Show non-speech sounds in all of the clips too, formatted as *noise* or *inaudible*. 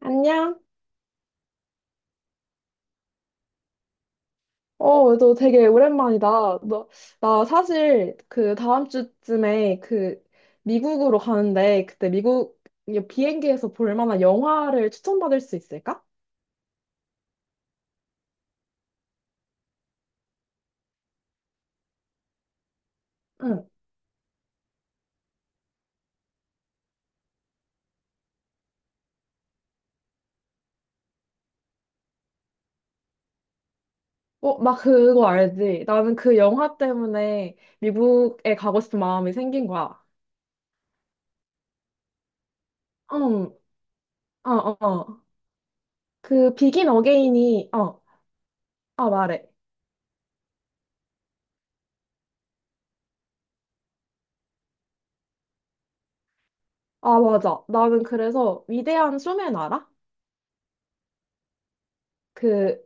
안녕? 어, 너 되게 오랜만이다. 너, 나 사실 다음 주쯤에 미국으로 가는데 그때 미국 비행기에서 볼 만한 영화를 추천받을 수 있을까? 응. 어, 나 그거 알지? 나는 그 영화 때문에 미국에 가고 싶은 마음이 생긴 거야. 응, 어. 그 비긴 어게인이, 아, 말해. 아, 맞아. 나는 그래서 위대한 쇼맨 알아? 그,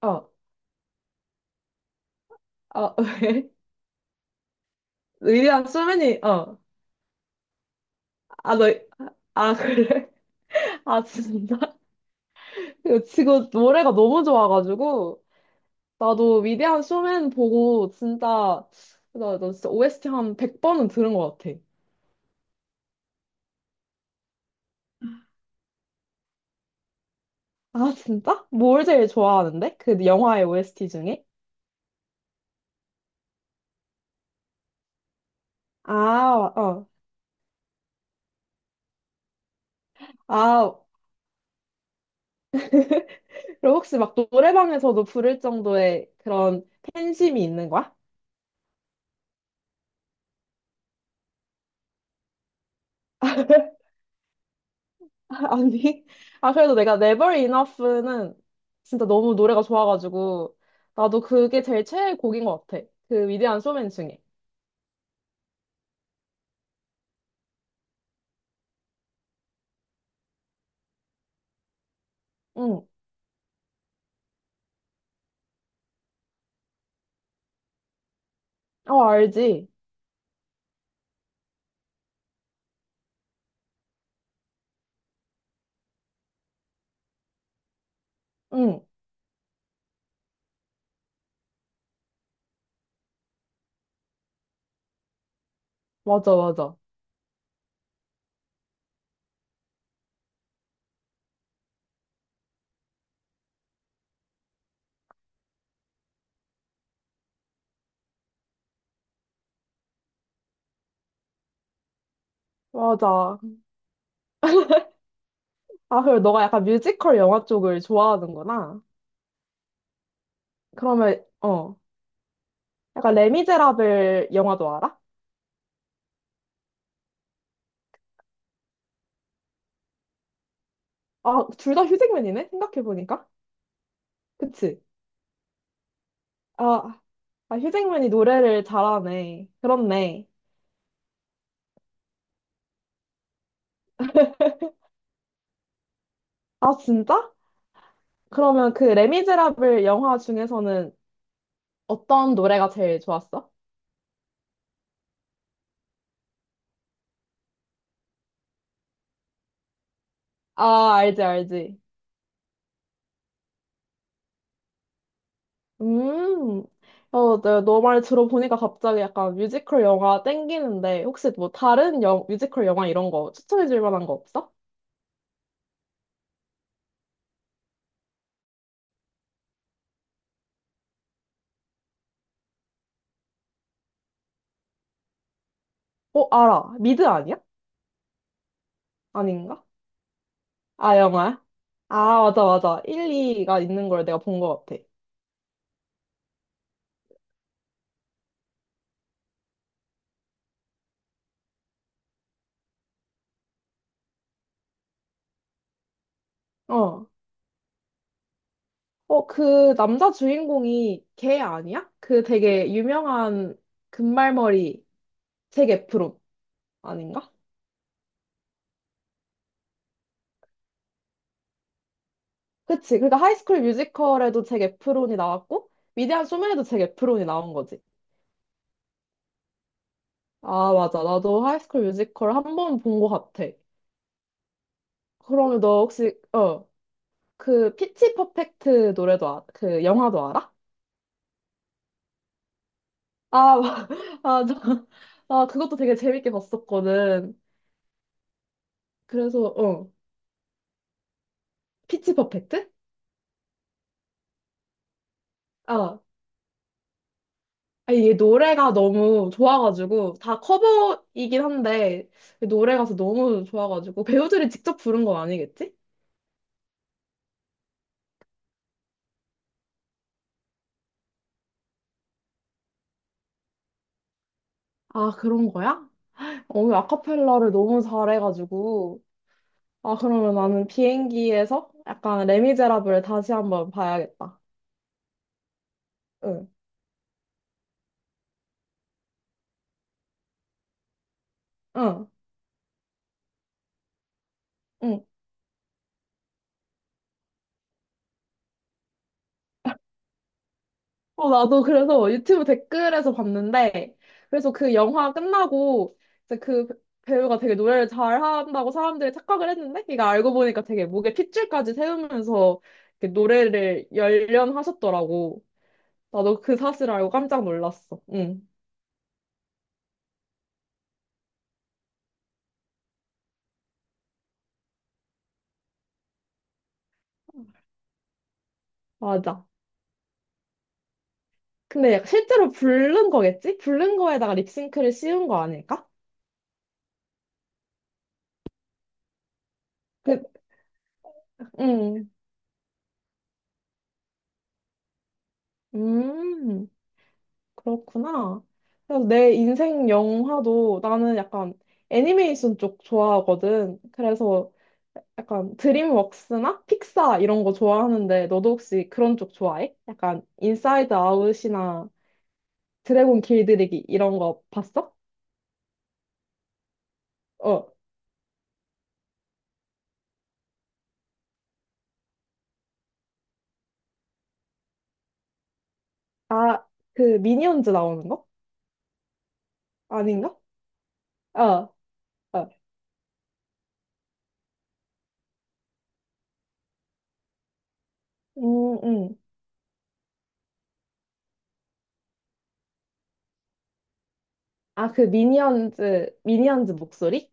어, 아, *laughs* 왜? 위대한 쇼맨이, 어. 아, 너, 아, 그래? *laughs* 아, 진짜? 이거 지금 노래가 너무 좋아가지고, 나도 위대한 쇼맨 보고, 진짜, 나 진짜 OST 한 100번은 들은 것 같아. 아, 진짜? 뭘 제일 좋아하는데? 그 영화의 OST 중에? 아, 어. 아, 그럼 혹시 막 노래방에서도 부를 정도의 그런 팬심이 있는 거야? *laughs* *laughs* 아니, 아, 그래도 내가 Never Enough는 진짜 너무 노래가 좋아가지고, 나도 그게 제일 최애 곡인 것 같아. 그 위대한 쇼맨 중에. 응. 어, 알지? 응. 맞아, 맞아. 맞아. 아, 그리고 너가 약간 뮤지컬 영화 쪽을 좋아하는구나. 그러면, 어. 약간 레미제라블 영화도 알아? 아, 둘 다 휴잭맨이네? 생각해보니까. 그치? 아, 아, 휴잭맨이 노래를 잘하네. 그렇네. 아, 진짜? 그러면 그 레미제라블 영화 중에서는 어떤 노래가 제일 좋았어? 아, 알지, 알지. 음, 어, 네, 너말 들어보니까 갑자기 약간 뮤지컬 영화 땡기는데, 혹시 뭐 다른 영, 뮤지컬 영화 이런 거 추천해줄 만한 거 없어? 어, 알아. 미드 아니야? 아닌가? 아, 영화야? 아, 맞아, 맞아. 일 이가 있는 걸 내가 본 것 같아. 어. 어, 그 남자 주인공이 걔 아니야? 그 되게 유명한 금발머리 잭 에프론. 아닌가? 그치. 그러니까 하이스쿨 뮤지컬에도 잭 에프론이 나왔고, 위대한 쇼맨에도 잭 에프론이 나온 거지. 아, 맞아. 나도 하이스쿨 뮤지컬 한 번 본 거 같아. 그러면 너 혹시, 어, 그 피치 퍼펙트 노래도, 아, 그 영화도 알아? 아, 맞아. *laughs* 아, 저, 아, 그것도 되게 재밌게 봤었거든. 그래서, 어, 피치 퍼펙트? 아, 아 이게 노래가 너무 좋아가지고, 다 커버이긴 한데, 노래가서 너무 좋아가지고, 배우들이 직접 부른 건 아니겠지? 아, 그런 거야? 오늘 아카펠라를 너무 잘해가지고. 아, 그러면 나는 비행기에서 약간 레미제라블 다시 한번 봐야겠다. 응, 응, 응. 어, 나도 그래서 유튜브 댓글에서 봤는데, 그래서 그 영화 끝나고, 이제 그 배우가 되게 노래를 잘한다고 사람들이 착각을 했는데, 이거 알고 보니까 되게 목에 핏줄까지 세우면서 이렇게 노래를 열연하셨더라고. 나도 그 사실 알고 깜짝 놀랐어. 응, 맞아. 근데 약간 실제로 부른 거겠지? 부른 거에다가 립싱크를 씌운 거 아닐까? 그, 음, 음, 그렇구나. 그래서 내 인생 영화도 나는 약간 애니메이션 쪽 좋아하거든. 그래서 약간 드림웍스나 픽사 이런 거 좋아하는데 너도 혹시 그런 쪽 좋아해? 약간 인사이드 아웃이나 드래곤 길들이기 이런 거 봤어? 어, 아, 그 미니언즈 나오는 거? 아닌가? 어, 어. 음, 음. 아, 그 미니언즈 목소리?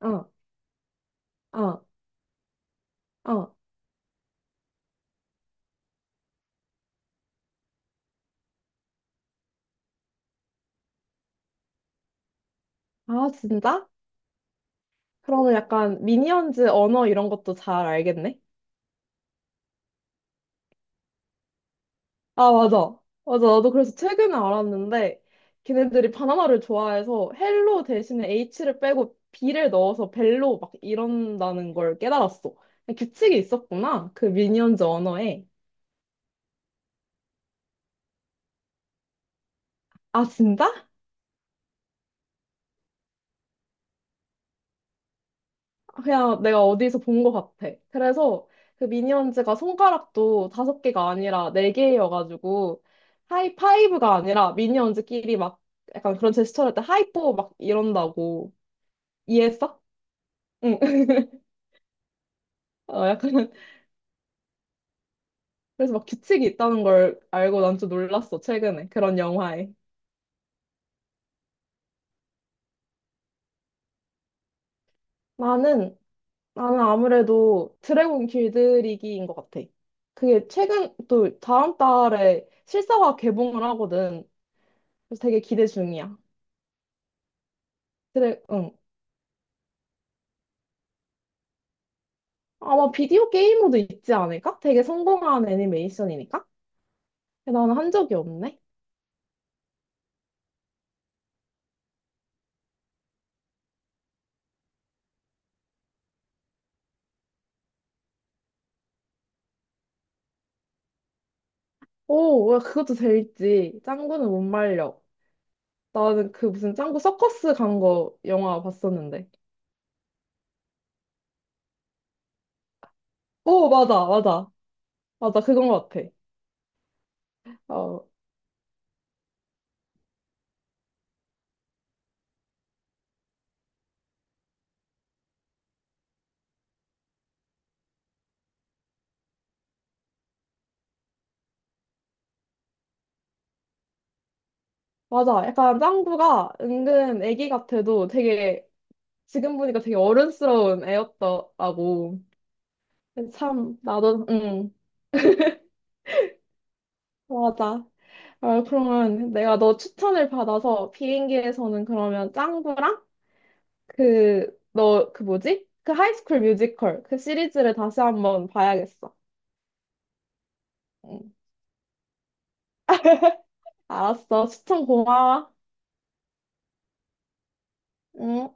어, 어, 어. 아, 진짜? 그러면 약간 미니언즈 언어 이런 것도 잘 알겠네? 아, 맞아. 맞아. 나도 그래서 최근에 알았는데, 걔네들이 바나나를 좋아해서 헬로 대신에 H를 빼고 B를 넣어서 벨로 막 이런다는 걸 깨달았어. 규칙이 있었구나. 그 미니언즈 언어에. 아, 진짜? 그냥 내가 어디서 본 것 같아. 그래서 그 미니언즈가 손가락도 다섯 개가 아니라 네 개여가지고 하이파이브가 아니라 미니언즈끼리 막 약간 그런 제스처를 할 때 하이포 막 이런다고 이해했어? 응. *laughs* 어, 약간 그래서 막 규칙이 있다는 걸 알고 난 좀 놀랐어 최근에 그런 영화에. 나는 나는 아무래도 드래곤 길들이기인 것 같아. 그게 최근 또 다음 달에 실사화 개봉을 하거든. 그래서 되게 기대 중이야. 드래 응. 아마 비디오 게임으로도 있지 않을까? 되게 성공한 애니메이션이니까? 나는 한 적이 없네. 오, 야, 그것도 재밌지. 짱구는 못 말려. 나는 그 무슨 짱구 서커스 간 거 영화 봤었는데. 오, 맞아, 맞아. 맞아, 그건 것 같아. 어, 맞아. 약간 짱구가 은근 애기 같아도 되게, 지금 보니까 되게 어른스러운 애였더라고. 참, 나도, 응, 맞아. 어, 그러면 내가 너 추천을 받아서 비행기에서는 그러면 짱구랑 그, 너, 그 뭐지? 그 하이스쿨 뮤지컬. 그 시리즈를 다시 한번 봐야겠어. 응. 알았어. 추천 고마워. 음.